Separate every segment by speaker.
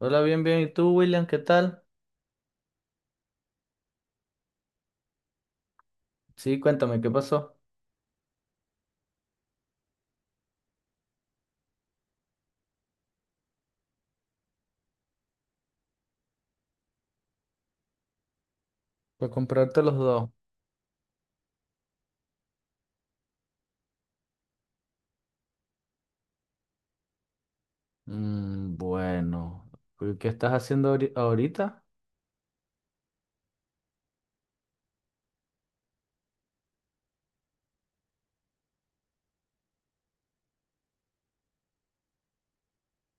Speaker 1: Hola, bien, bien. ¿Y tú, William? ¿Qué tal? Sí, cuéntame, ¿qué pasó? Para comprarte los dos. Bueno, ¿qué estás haciendo ahorita?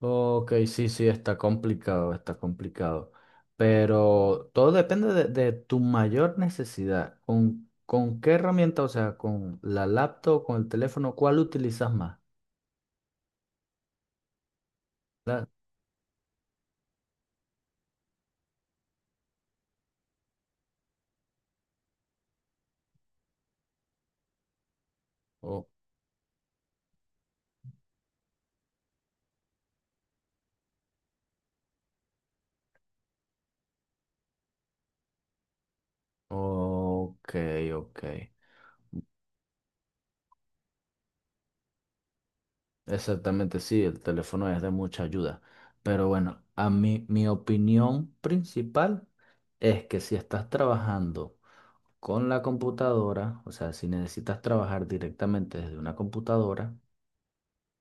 Speaker 1: Ok, sí, sí, está complicado, está complicado. Pero todo depende de tu mayor necesidad. ¿Con qué herramienta? O sea, ¿con la laptop, con el teléfono? ¿Cuál utilizas más? La- o- ok, ok. Exactamente, sí, el teléfono es de mucha ayuda. Pero bueno, a mí, mi opinión principal es que si estás trabajando con la computadora, o sea, si necesitas trabajar directamente desde una computadora,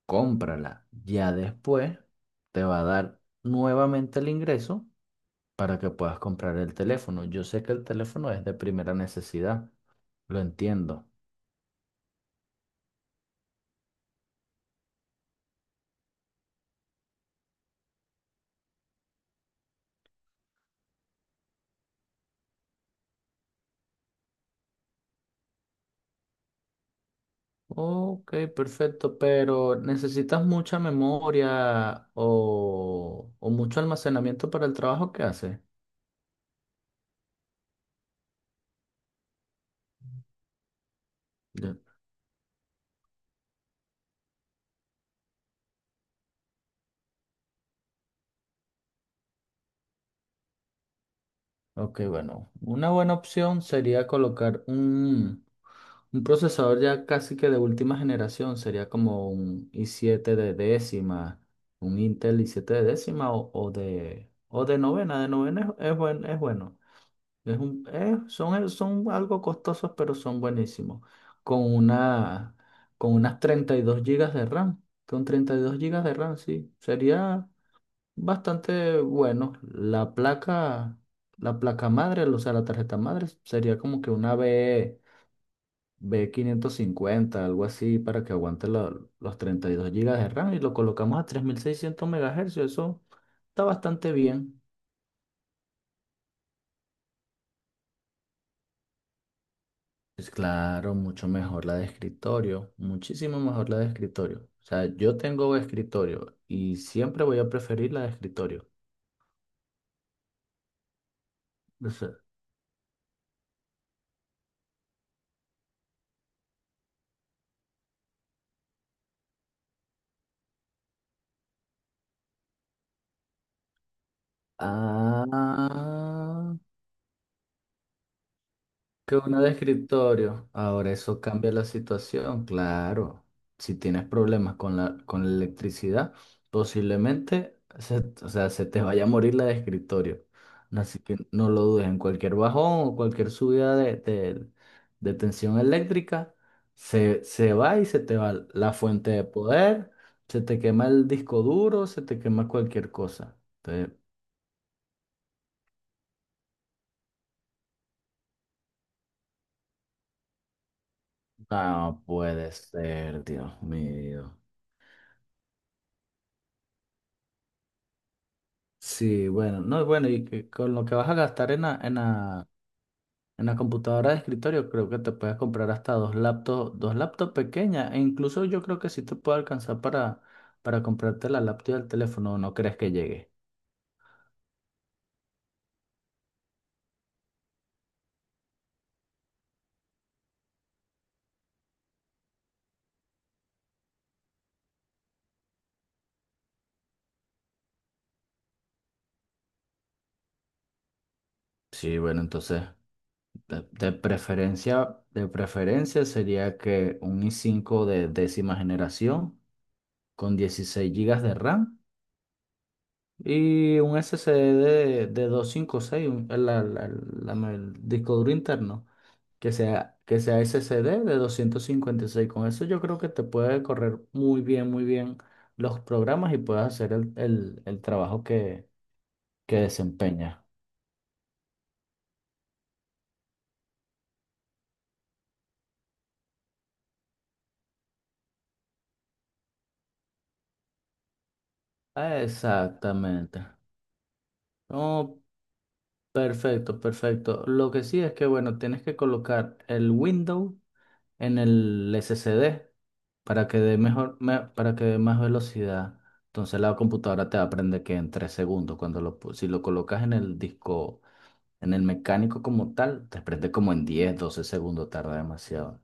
Speaker 1: cómprala. Ya después te va a dar nuevamente el ingreso para que puedas comprar el teléfono. Yo sé que el teléfono es de primera necesidad, lo entiendo. Ok, perfecto, pero ¿necesitas mucha memoria o mucho almacenamiento para el trabajo que haces? Ya. Ok, bueno, una buena opción sería colocar un procesador ya casi que de última generación, sería como un i siete de décima, un Intel i siete de décima o de novena es es bueno. Son, son algo costosos, pero son buenísimos. Con una, con unas 32 gigas de RAM. Con 32 gigas de RAM, sí. Sería bastante bueno. La placa madre, o sea, la tarjeta madre, sería como que una B 550 algo así, para que aguante los 32 gigas de RAM. Y lo colocamos a 3600 MHz. Eso está bastante bien. Pues claro, mucho mejor la de escritorio, muchísimo mejor la de escritorio. O sea, yo tengo escritorio y siempre voy a preferir la de escritorio. O sea, ah, que una de escritorio. Ahora eso cambia la situación, claro. Si tienes problemas con la electricidad, posiblemente o sea, se te vaya a morir la de escritorio. Así que no lo dudes, en cualquier bajón o cualquier subida de tensión eléctrica, se va y se te va la fuente de poder, se te quema el disco duro, se te quema cualquier cosa. Entonces, no puede ser, Dios mío. Sí, bueno, no, bueno, y que con lo que vas a gastar en la computadora de escritorio, creo que te puedes comprar hasta dos laptops pequeñas, e incluso yo creo que sí te puede alcanzar para comprarte la laptop y el teléfono, ¿no crees que llegue? Sí, bueno, entonces, de preferencia sería que un i cinco de décima generación con 16 gigas de RAM y un SSD de 256, el disco duro interno. Que sea, que sea SSD de 256. Con eso yo creo que te puede correr muy bien los programas y puedes hacer el trabajo que desempeña. Exactamente. No, perfecto, perfecto. Lo que sí es que, bueno, tienes que colocar el Windows en el SSD para que dé para que dé más velocidad. Entonces la computadora te aprende que en 3 segundos, cuando si lo colocas en el disco. En el mecánico como tal, te prende como en 10, 12 segundos, tarda demasiado.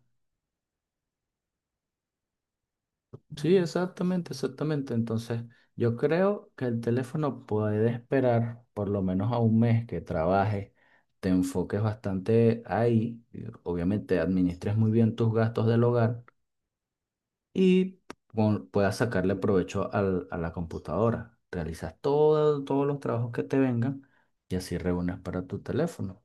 Speaker 1: Sí, exactamente, exactamente. Entonces, yo creo que el teléfono puede esperar por lo menos a un mes que trabajes, te enfoques bastante ahí, y obviamente administres muy bien tus gastos del hogar y puedas sacarle provecho a la computadora. Realizas todos los trabajos que te vengan y así reúnes para tu teléfono.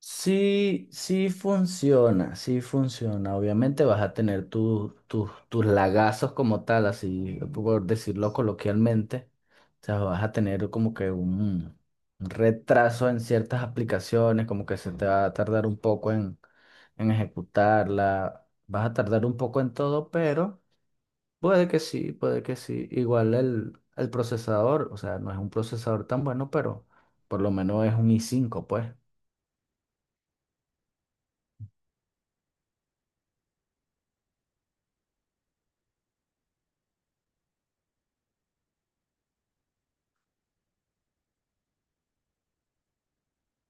Speaker 1: Sí, sí funciona, sí funciona. Obviamente vas a tener tus lagazos como tal, así por decirlo coloquialmente. O sea, vas a tener como que un retraso en ciertas aplicaciones, como que se te va a tardar un poco en ejecutarla. Vas a tardar un poco en todo, pero puede que sí, puede que sí. Igual el procesador, o sea, no es un procesador tan bueno, pero por lo menos es un i cinco, pues.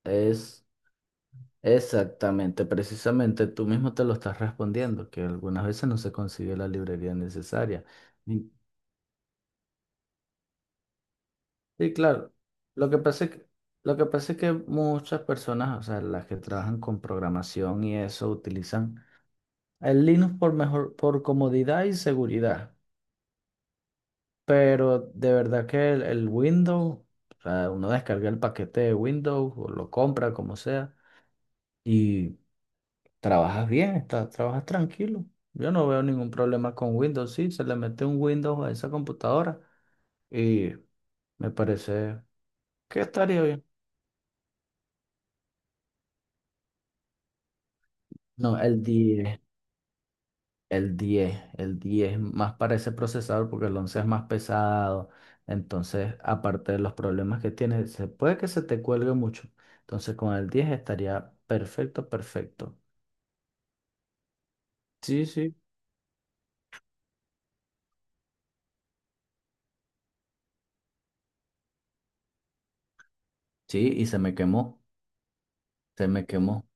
Speaker 1: Es Exactamente, precisamente tú mismo te lo estás respondiendo, que algunas veces no se consigue la librería necesaria. Y, y claro, lo que pasa es que, lo que pasa es que muchas personas, o sea, las que trabajan con programación y eso, utilizan el Linux por mejor, por comodidad y seguridad. Pero de verdad que el Windows, o sea, uno descarga el paquete de Windows o lo compra, como sea. Y trabajas trabajas tranquilo. Yo no veo ningún problema con Windows. Sí, se le mete un Windows a esa computadora y me parece que estaría bien. No, el diez más para ese procesador porque el 11 es más pesado. Entonces, aparte de los problemas que tiene, se puede que se te cuelgue mucho. Entonces, con el 10 estaría perfecto, perfecto. Sí, sí. Sí, y se me quemó, se me quemó.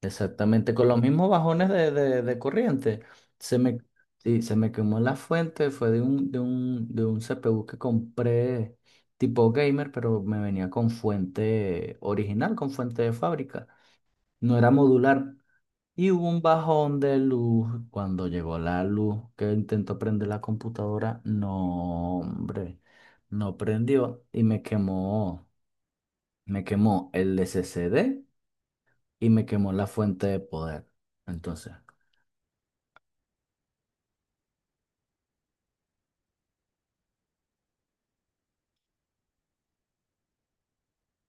Speaker 1: Exactamente, con los mismos bajones de corriente. Se me, sí, se me quemó la fuente, fue de un CPU que compré tipo gamer, pero me venía con fuente original, con fuente de fábrica. No era modular. Y hubo un bajón de luz. Cuando llegó la luz que intentó prender la computadora, no, hombre, no prendió y me quemó el SSD y me quemó la fuente de poder. Entonces.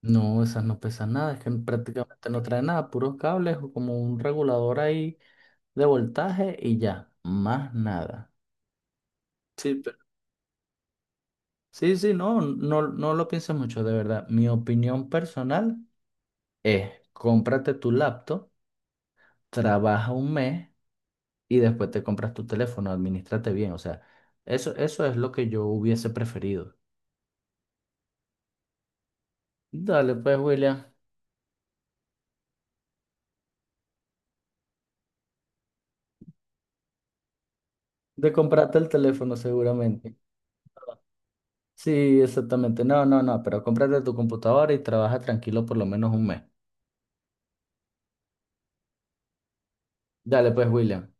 Speaker 1: No, esas no pesan nada, es que prácticamente no trae nada, puros cables o como un regulador ahí de voltaje y ya, más nada. Sí, pero... Sí, sí, no, no, no lo pienses mucho, de verdad. Mi opinión personal es, cómprate tu laptop, trabaja un mes y después te compras tu teléfono, administrate bien, o sea, eso es lo que yo hubiese preferido. Dale, pues, William, de comprarte el teléfono seguramente. Sí, exactamente. No, no, no, pero cómprate tu computadora y trabaja tranquilo por lo menos un mes. Dale, pues, William.